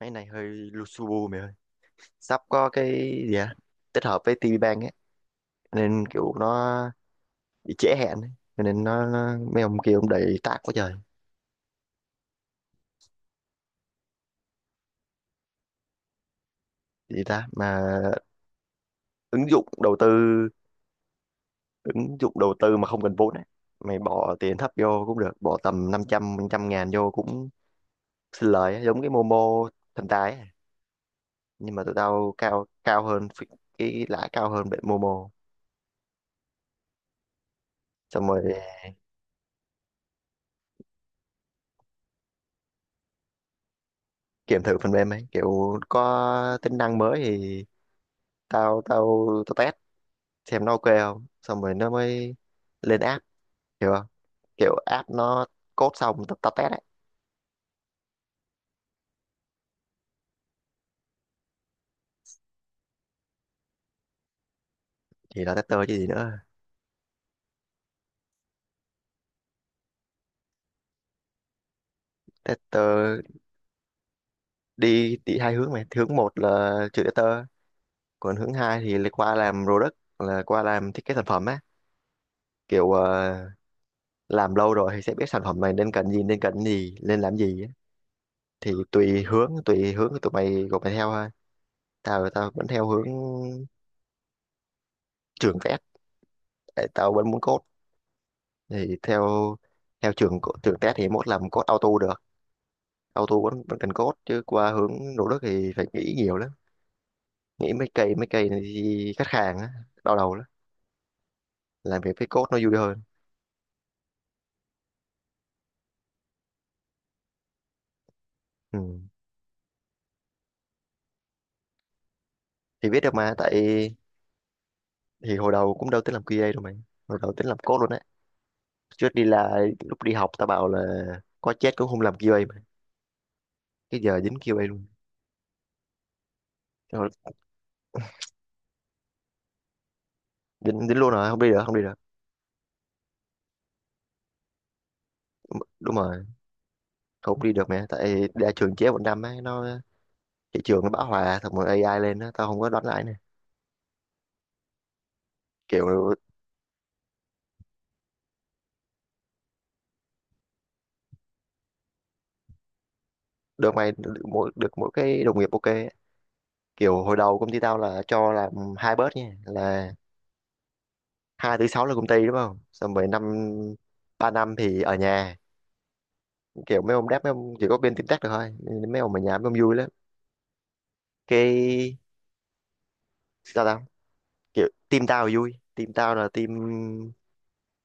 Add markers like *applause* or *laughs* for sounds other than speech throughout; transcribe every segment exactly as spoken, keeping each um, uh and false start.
Máy này hơi lu su bu mày ơi. Sắp có cái gì à? Tích hợp với ti vi Bang ấy. Nên kiểu nó bị trễ hẹn ấy. Cho nên nó, nó mấy ông kia ông đầy tác quá trời. Gì ta? Mà ứng dụng đầu tư ứng dụng đầu tư mà không cần vốn ấy. Mày bỏ tiền thấp vô cũng được. Bỏ tầm năm trăm, trăm ngàn vô cũng xin lời ấy. Giống cái Momo thần tài ấy. Nhưng mà tụi tao cao cao hơn phí- cái lãi cao hơn bên Momo. Xong rồi kiểm thử phần mềm ấy. Kiểu có tính năng mới thì tao tao tao test xem nó ok không, xong rồi nó mới lên app, hiểu không? Kiểu app nó code xong tao, tao test ấy. Thì là tester chứ gì nữa. Tester đi đi hai hướng mày, hướng một là chữ tester, còn hướng hai thì lại qua làm product, là qua làm thiết kế sản phẩm á. Kiểu ờ, làm lâu rồi thì sẽ biết sản phẩm này nên cần gì, nên cần gì nên làm gì á. Thì tùy hướng tùy hướng của tụi mày của mày theo thôi. Tao tao vẫn theo hướng trường test, tại tao vẫn muốn code. Thì theo theo trường co- trường test thì mốt làm code auto được, auto vẫn vẫn cần code. Chứ qua hướng nỗ lực thì phải nghĩ nhiều lắm, nghĩ mấy cây mấy cây này thì khách hàng á, đau đầu lắm. Làm việc với code nó vui hơn. Ừ. Thì biết được mà, tại thì hồi đầu cũng đâu tính làm QA đâu mày, hồi đầu tính làm code luôn á. Trước đi là lúc đi học tao bảo là có chết cũng không làm QA mà, cái giờ dính QA luôn. Rồi, dính dính luôn rồi, không đi được, không đi được đúng rồi. Không đi được mẹ, tại ra trường chế một năm á nó, thị trường nó bão hòa, xong rồi AI lên á, tao không có đoán lại nè. Kiểu được mày, được mỗi được mỗi cái đồng nghiệp ok á. Kiểu hồi đầu công ty tao là cho làm hai bớt nha, là hai tới sáu là công ty đúng không, xong rồi năm ba năm thì ở nhà. Kiểu mấy ông đáp, mấy ông chỉ có bên team tech được thôi, nên mấy ông ở nhà mấy ông vui lắm. Cái sao tao, kiểu team tao vui, team tao là team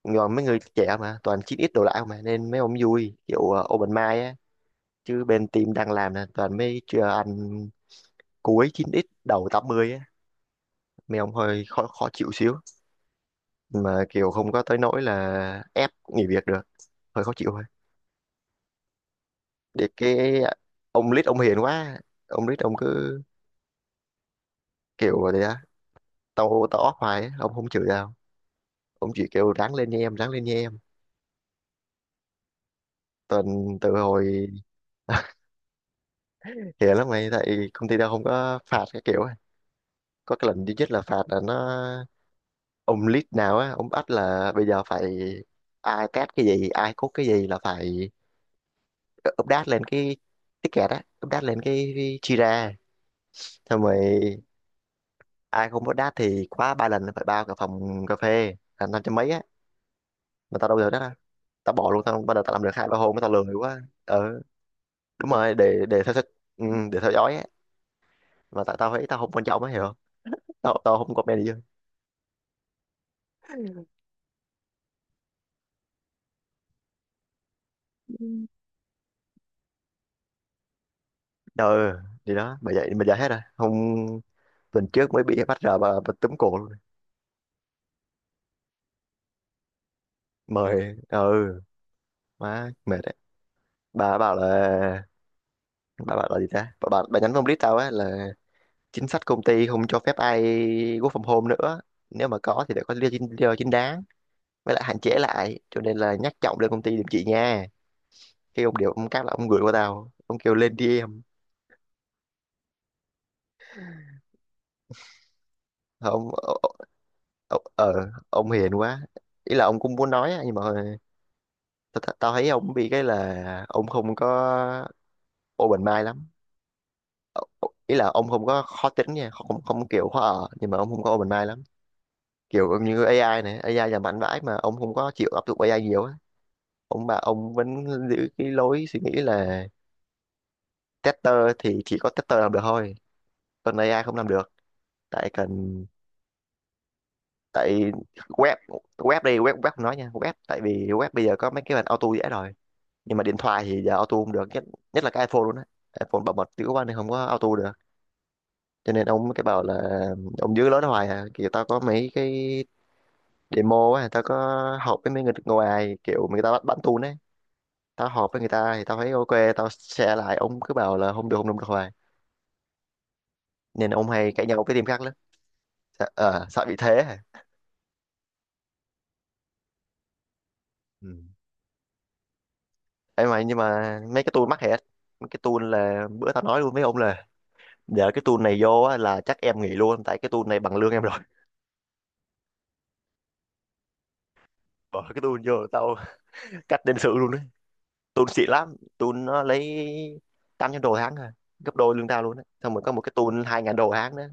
còn mấy người trẻ mà toàn chín x đồ lại mà, nên mấy ông vui kiểu ờ, open mind á. Chứ bên team đang làm là toàn mấy chưa ăn cuối chín x đầu tám mươi á, mấy ông hơi khó khó chịu xíu, mà kiểu không có tới nỗi là ép nghỉ việc được, hơi khó chịu thôi. Để cái ông lít ông hiền quá. Ông lít ông cứ kiểu vậy á. Tao tao off hoài á, ông không chửi tao, ông chỉ kêu ráng lên nha em, ráng lên nha em. Tuần từ hồi *laughs* hiền lắm mày, tại công ty tao không có phạt cái kiểu á. Có cái lần duy nhất là phạt là nó ông lead nào á, ông bắt là bây giờ phải ai test cái gì ai code cái gì là phải update lên cái ticket á, update lên cái, cái Jira, xong rồi ai không update thì khóa ba lần phải bao cả phòng cà phê là năm trăm mấy á. Mà tao đâu được đó đâu. Tao bỏ luôn, tao bắt đầu tao làm được hai ba hôm tao lười quá. Ừ đúng rồi, để để theo sách, ừ, để theo dõi á. Mà tại tao thấy tao không quan trọng á hiểu không, tao tao không comment gì đâu. Ừ thì đó, bởi vậy bây giờ hết rồi, hôm tuần trước mới bị bắt ra bà, bà túm cổ luôn. Mời ừ, má mệt đấy. bà bảo là bà bảo là gì ta, bà bà, bà nhắn phong list tao á là chính sách công ty không cho phép ai work from home nữa, nếu mà có thì phải có lý do chính, lý do chính đáng, với lại hạn chế lại, cho nên là nhắc trọng lên công ty giùm chị nha. Khi ông điều ông cắt là ông gửi qua tao, ông kêu lên đi em. Thôi ông ờ ờ, ờ, ờ, ông hiền quá. Ý là ông cũng muốn nói á, nhưng mà tao tao tao thấy ông bị cái là ông không có open mind lắm. Ờ, ờ, Ý là ông không có khó tính nha, không không kiểu khó ở, nhưng mà ông không có open mind lắm. Kiểu như AI này, AI là mạnh vãi mà ông không có chịu áp dụng AI nhiều á. Ông mà ông vẫn giữ cái lối suy nghĩ là tester thì chỉ có tester làm được thôi, còn AI không làm được. Tại cần, tại web web đi, web web không nói nha, web tại vì web bây giờ có mấy cái bản auto dễ rồi, nhưng mà điện thoại thì giờ auto không được. Nhất Nhất là cái iPhone luôn á, iPhone bảo mật dữ quá nên không có auto được. Cho nên ông mới cái bảo là ông giữ lối đó hoài à. Kiểu tao có mấy cái demo á, tao có họp với mấy người ngoài kiểu người ta bắt bắn tun ấy, tao họp với người ta thì tao thấy ok. Tao share lại ông cứ bảo là không được không được không được hoài, nên ông hay cãi nhau với team khác lắm. Sợ, ờ, sợ bị thế hả? Ừ. Ấy mà nhưng mà mấy cái tool mắc hết. Mấy cái tool là bữa tao nói luôn với ông là để cái tool này vô á, là chắc em nghỉ luôn tại cái tool này bằng lương em rồi. *laughs* Bỏ cái tool vô là tao *laughs* cắt nhân sự luôn đấy. Tool xịn lắm, tool nó lấy tám trăm đô tháng à, gấp đôi lương tao luôn đấy, xong rồi có một cái tool hai ngàn đô tháng nữa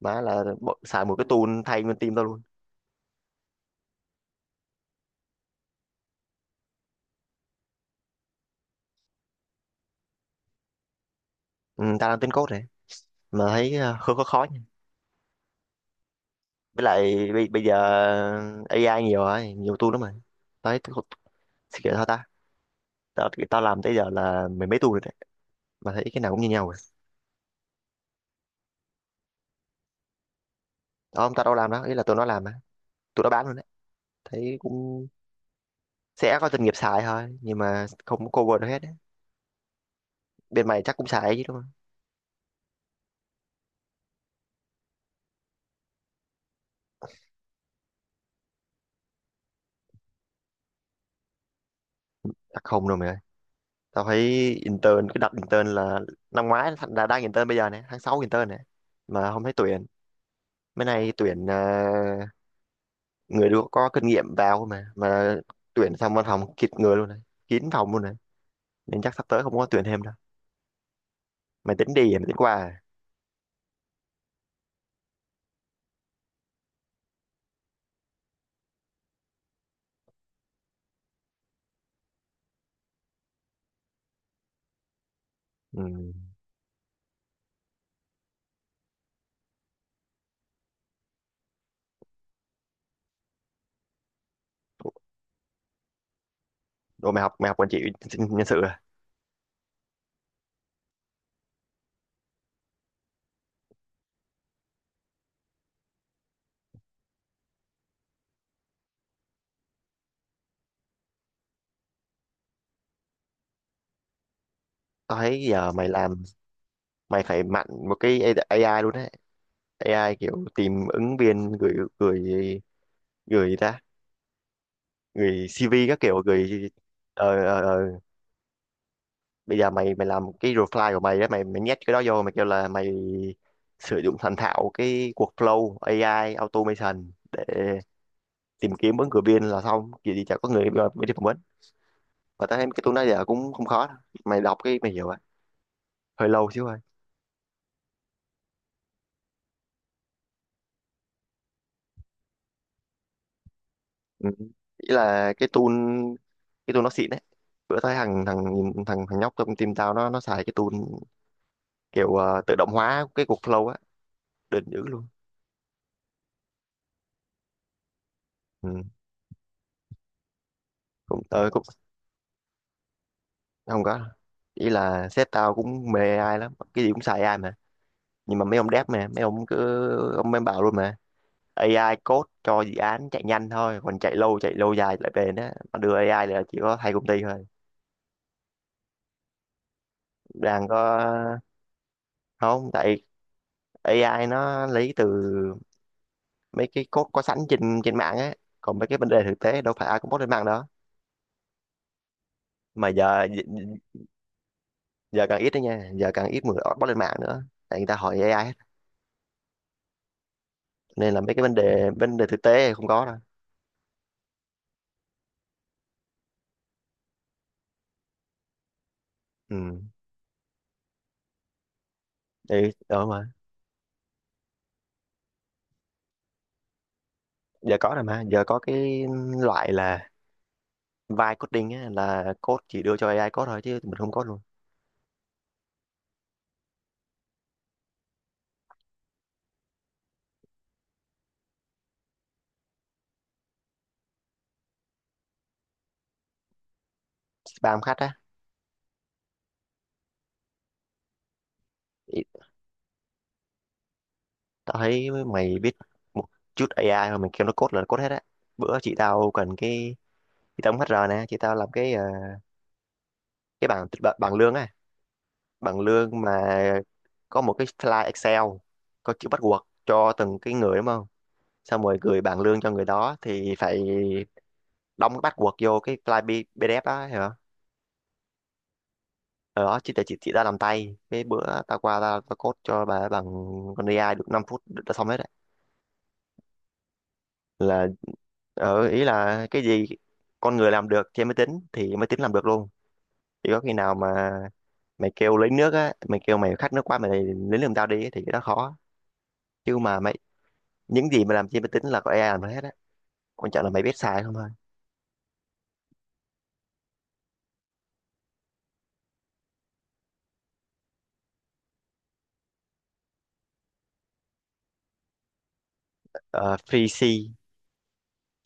mà là bỏ- xài một cái tool thay nguyên team tao luôn. Ừ, tao đang tính code này mà thấy ờ, khó khó khó nha. Với lại bây, bây giờ AI nhiều rồi, nhiều tool lắm mà. Tao thấy thì kiểu sao ta, tao, thì tao làm tới giờ là mười mấy tuần rồi đấy mà thấy cái nào cũng như nhau rồi. Đó ông tao đâu làm đó, ý là tụi nó làm á, tụi nó bán luôn đấy. Thấy cũng sẽ có doanh nghiệp xài thôi nhưng mà không có cover được hết đấy. Bên mày chắc cũng xài chứ đúng không? Chắc không đâu mày ơi. Tao thấy intern cái đợt intern là năm ngoái, là đang intern bây giờ này tháng sáu intern này mà không thấy tuyển. Mấy này tuyển à, người được có kinh nghiệm vào mà mà tuyển xong văn phòng kịt người luôn này, kín phòng luôn này, nên chắc sắp tới không có tuyển thêm đâu. Mày tính đi à, mày tính qua à? Ừ. Đồ mày học, mày học quản trị nhân sự à? Tao thấy giờ mày làm mày phải mạnh một cái AI luôn đấy. AI kiểu tìm ứng viên, gửi gửi gửi gì ta, gửi CV các kiểu gửi ờ, ờ, ờ. Bây giờ mày mày làm cái reply của mày đó, mày mày nhét cái đó vô, mày kêu là mày sử dụng thành thạo cái workflow AI automation để tìm kiếm ứng cử viên là xong, kiểu gì chả có người mà mới đi phỏng vấn. Và tao thấy cái tool đó giờ cũng không khó đâu. Mày đọc cái mày hiểu à, hơi lâu xíu thôi. Ừ. Ý là cái tool, cái tool nó xịn đấy. Bữa thấy thằng thằng thằng thằng nhóc trong team tao nó nó xài cái tool kiểu ờ, tự động hóa cái cục flow á, đỉnh dữ luôn. Ừ. Cũng ờ, cũng không có, ý là sếp tao cũng mê AI lắm, cái gì cũng xài AI mà, nhưng mà mấy ông dev mà mấy ông cứ ông mới bảo luôn mà AI code cho dự án chạy nhanh thôi, còn chạy lâu, chạy lâu dài lại bền á mà đưa AI là chỉ có hai công ty thôi đang có. Không, tại AI nó lấy từ mấy cái code có sẵn trên trên mạng á, còn mấy cái vấn đề thực tế đâu phải ai cũng post lên mạng đó mà. Giờ Giờ càng ít đấy nha, giờ càng ít người post lên mạng nữa tại người ta hỏi AI hết. Nên là mấy cái vấn đề vấn đề thực tế không có đâu. Ừ đấy đó mà giờ có rồi, mà giờ có cái loại là vibe coding á, là code chỉ đưa cho AI code thôi chứ mình không code luôn. Spam khách á. Ý, tao thấy mày biết một chút AI rồi mày kêu nó code là code hết á. Bữa chị tao cần cái, chị tao cũng HR nè, chị tao làm cái ờ, cái bảng bảng lương á, bằng lương mà có một cái file Excel, có chữ bắt buộc cho từng cái người đúng không, xong rồi gửi bảng lương cho người đó thì phải đóng cái bắt buộc vô cái file P- PDF đó hả. Ở đó chị tại chị chị đã làm tay, cái bữa tao qua tao, tao code cho bà bằng con AI được năm phút đã xong hết đấy. Là ở ý là cái gì con người làm được trên máy tính thì máy tính làm được luôn. Chỉ có khi nào mà mày kêu lấy nước á, mày kêu mày khát nước quá mày lấy nước làm tao đi á, thì cái đó khó. Chứ mà mày những gì mà làm trên máy tính là có AI làm hết á, quan trọng là mày biết xài không thôi. Ờ, free C,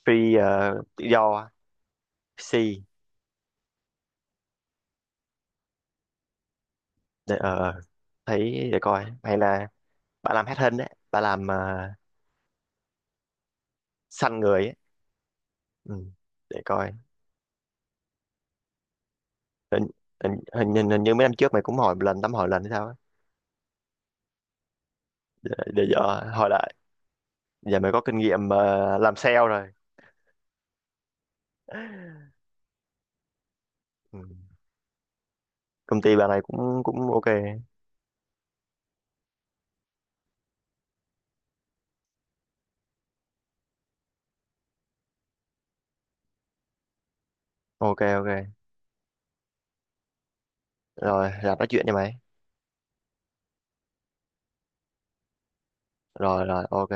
free ờ, tự do C. Để, ờ, thấy để coi, hay là bà làm hết hình đấy, bà làm uh, săn người ấy. Ừ, để coi. hình, hình, hình, hình, Hình như mấy năm trước mày cũng hỏi một lần, tắm hỏi lần hay sao á. Để, để giờ hỏi lại. Giờ mày có kinh nghiệm ờ, làm sale rồi. Ừ. Công ty bà này cũng cũng ok. Ok, ok rồi làm nói chuyện cho mày. Rồi rồi ok.